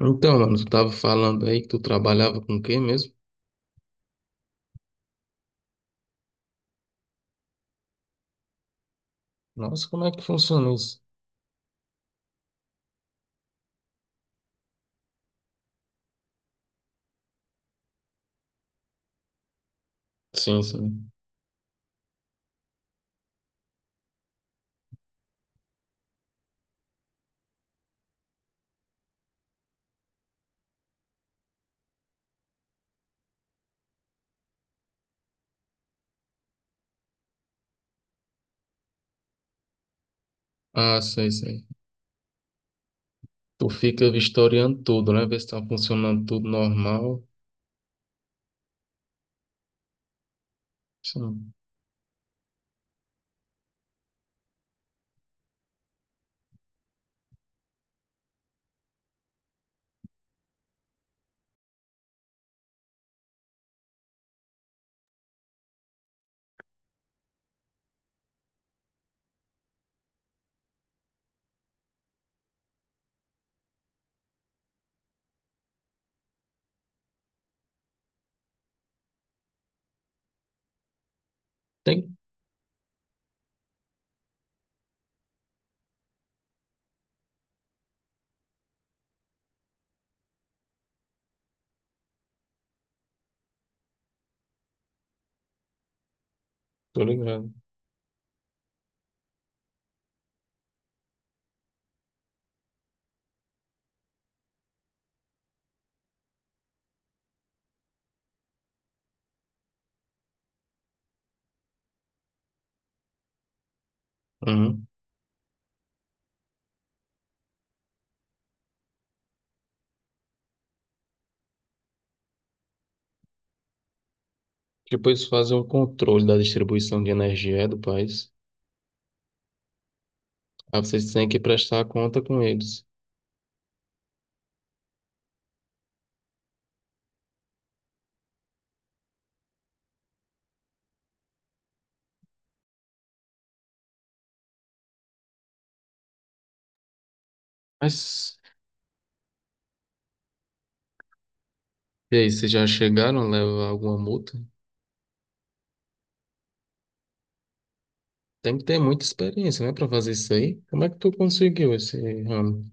Então, mano, tu tava falando aí que tu trabalhava com quem mesmo? Nossa, como é que funciona isso? Sim, sim. Ah, sei, sei. Tu fica vistoriando tudo, né? Ver se tá funcionando tudo normal. Sim. Tem? Tô ligado. Uhum. Depois fazem um controle da distribuição de energia é, do país. Aí vocês têm que prestar conta com eles. Mas, e aí, vocês já chegaram a levar alguma multa? Tem que ter muita experiência, né, pra fazer isso aí. Como é que tu conseguiu esse ramo?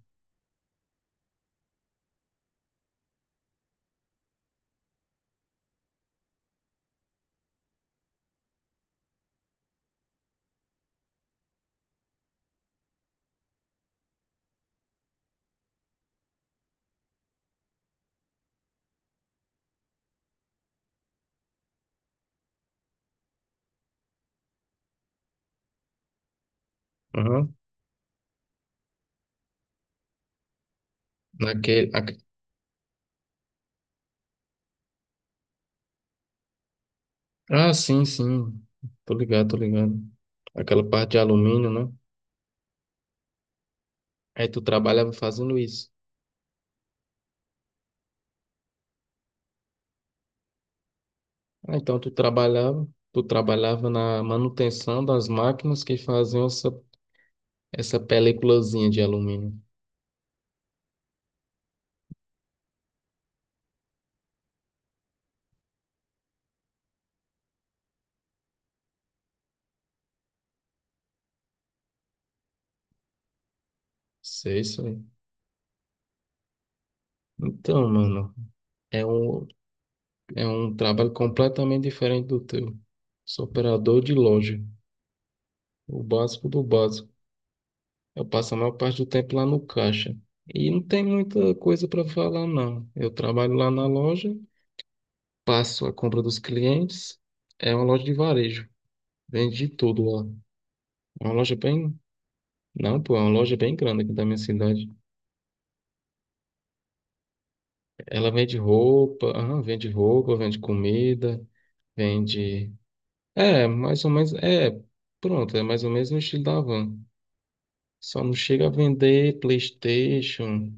Aham. Naquele, ah, sim, sim. Tô ligado, tô ligado. Aquela parte de alumínio, né? Aí tu trabalhava fazendo isso. Ah, então tu trabalhava, na manutenção das máquinas que faziam essa, essa peliculazinha de alumínio. Sei, isso aí. Então, mano, é um, é um trabalho completamente diferente do teu. Sou operador de loja, o básico do básico. Eu passo a maior parte do tempo lá no caixa. E não tem muita coisa para falar, não. Eu trabalho lá na loja. Faço a compra dos clientes. É uma loja de varejo. Vende de tudo lá. É uma loja bem. Não, pô, é uma loja bem grande aqui da minha cidade. Ela vende roupa, aham, vende roupa, vende comida, vende. É, mais ou menos. É, pronto, é mais ou menos no estilo da Van. Só não chega a vender PlayStation,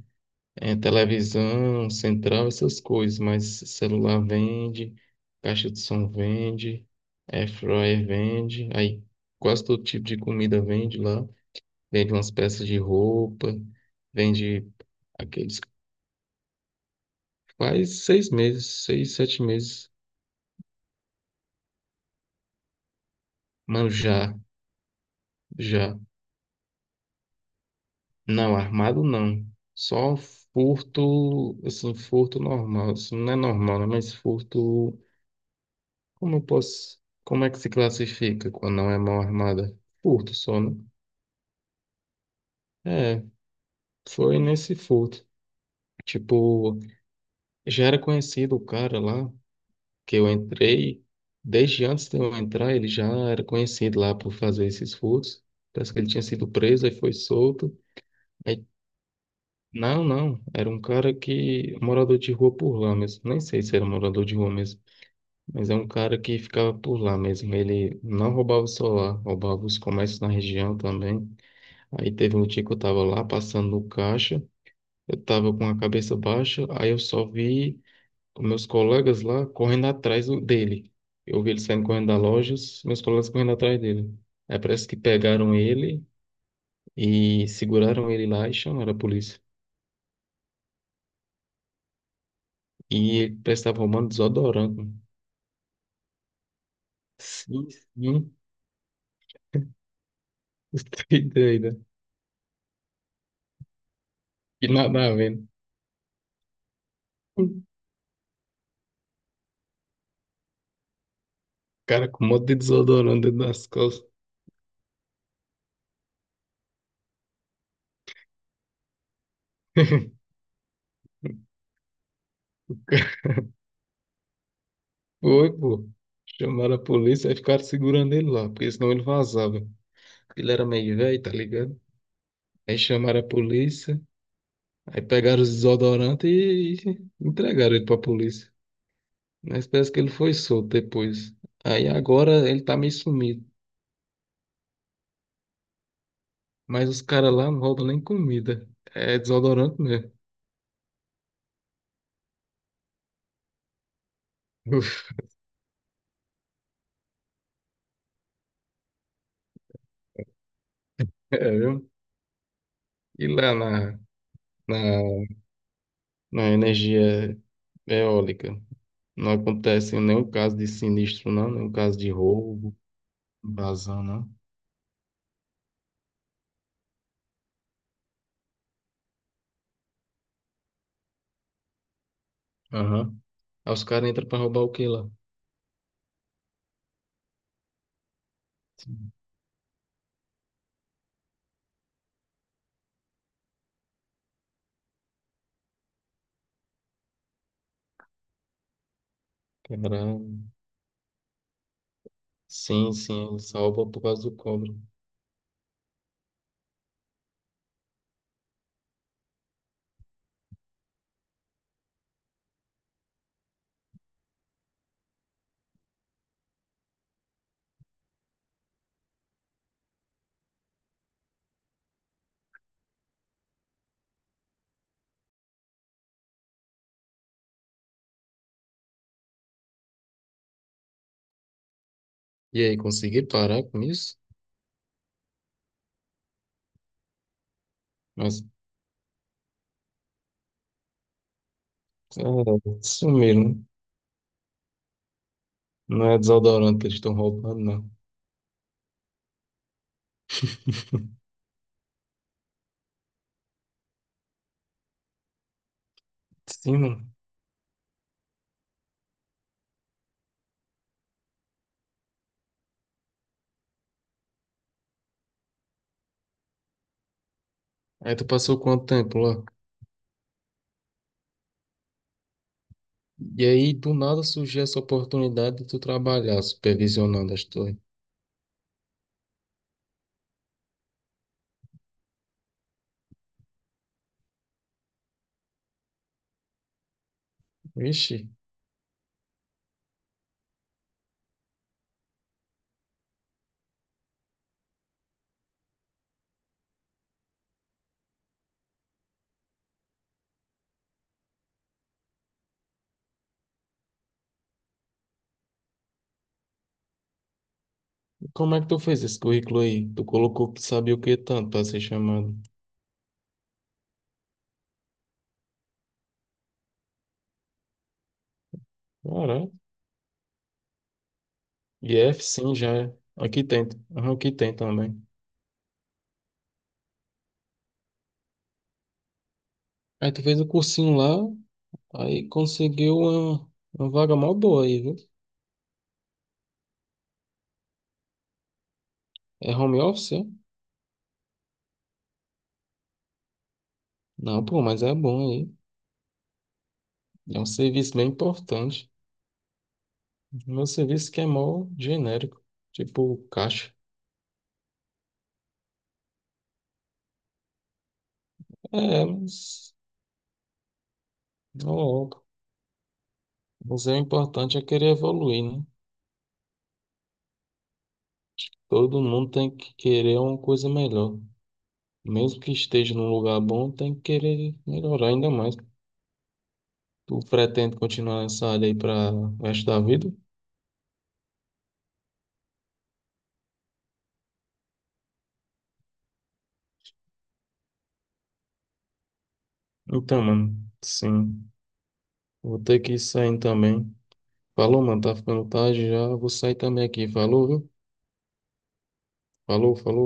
é, televisão, central, essas coisas, mas celular vende, caixa de som vende, airfryer vende, aí quase todo tipo de comida vende lá, vende umas peças de roupa, vende aqueles... Faz 6 meses, seis, 7 meses. Mano, já, já, não, armado não, só furto, assim, furto normal, assim, não é normal, né, mas furto. Como eu posso. Como é que se classifica quando não é mão armada? Furto só, né? É, foi nesse furto. Tipo, já era conhecido o cara lá que eu entrei. Desde antes de eu entrar, ele já era conhecido lá por fazer esses furtos. Parece que ele tinha sido preso, aí foi solto. Aí, não, não. Era um cara que. Morador de rua por lá mesmo. Nem sei se era morador de rua mesmo. Mas é um cara que ficava por lá mesmo. Ele não roubava o celular, roubava os comércios na região também. Aí teve um dia que eu tava lá passando no caixa, eu tava com a cabeça baixa, aí eu só vi os meus colegas lá correndo atrás dele. Eu vi ele saindo correndo da loja, os meus colegas correndo atrás dele. Aí parece que pegaram ele e seguraram ele lá e chamaram a polícia. E ele parece que tava arrumando desodorante, mano. Sim, sim, que doido, né? E nada a ver. O cara com um monte de desodorante dentro das calças. Foi, pô. Chamaram a polícia e ficaram segurando ele lá, porque senão ele vazava. Ele era meio velho, tá ligado? Aí chamaram a polícia, aí pegaram os desodorantes e entregaram ele pra polícia. Mas parece que ele foi solto depois. Aí agora ele tá meio sumido. Mas os caras lá não roubam nem comida. É desodorante mesmo. É, viu? E lá na, na energia eólica, não acontece nenhum caso de sinistro, não, nenhum caso de roubo, vazão, não. Aham. Aí os caras entram pra roubar o que lá? Caralho. Sim, sim, eles roubam por causa do cobre. E aí, consegui parar com isso? Mas, é, sumiram, né? Não é desodorante que eles estão roubando, não. Sim, mano. Aí tu passou quanto tempo lá? E aí, do nada surgiu essa oportunidade de tu trabalhar supervisionando as torres. Vixe, e como é que tu fez esse currículo aí? Tu colocou que sabia o que tanto pra ser chamado. Caralho. IF, sim, já é. Aqui tem. Aham, aqui tem também. Aí tu fez o cursinho lá, aí conseguiu uma vaga mó boa aí, viu? É home office, é? Não, pô, mas é bom aí. É um serviço bem importante. Meu serviço que é mó genérico, tipo caixa. É, mas não logo. Mas é importante é querer evoluir, né? Todo mundo tem que querer uma coisa melhor. Mesmo que esteja num lugar bom, tem que querer melhorar ainda mais. Tu pretende continuar nessa área aí para o resto da vida? Então, mano, sim. Vou ter que ir saindo também. Falou, mano, tá ficando tarde já. Vou sair também aqui. Falou, viu? Falou, falou.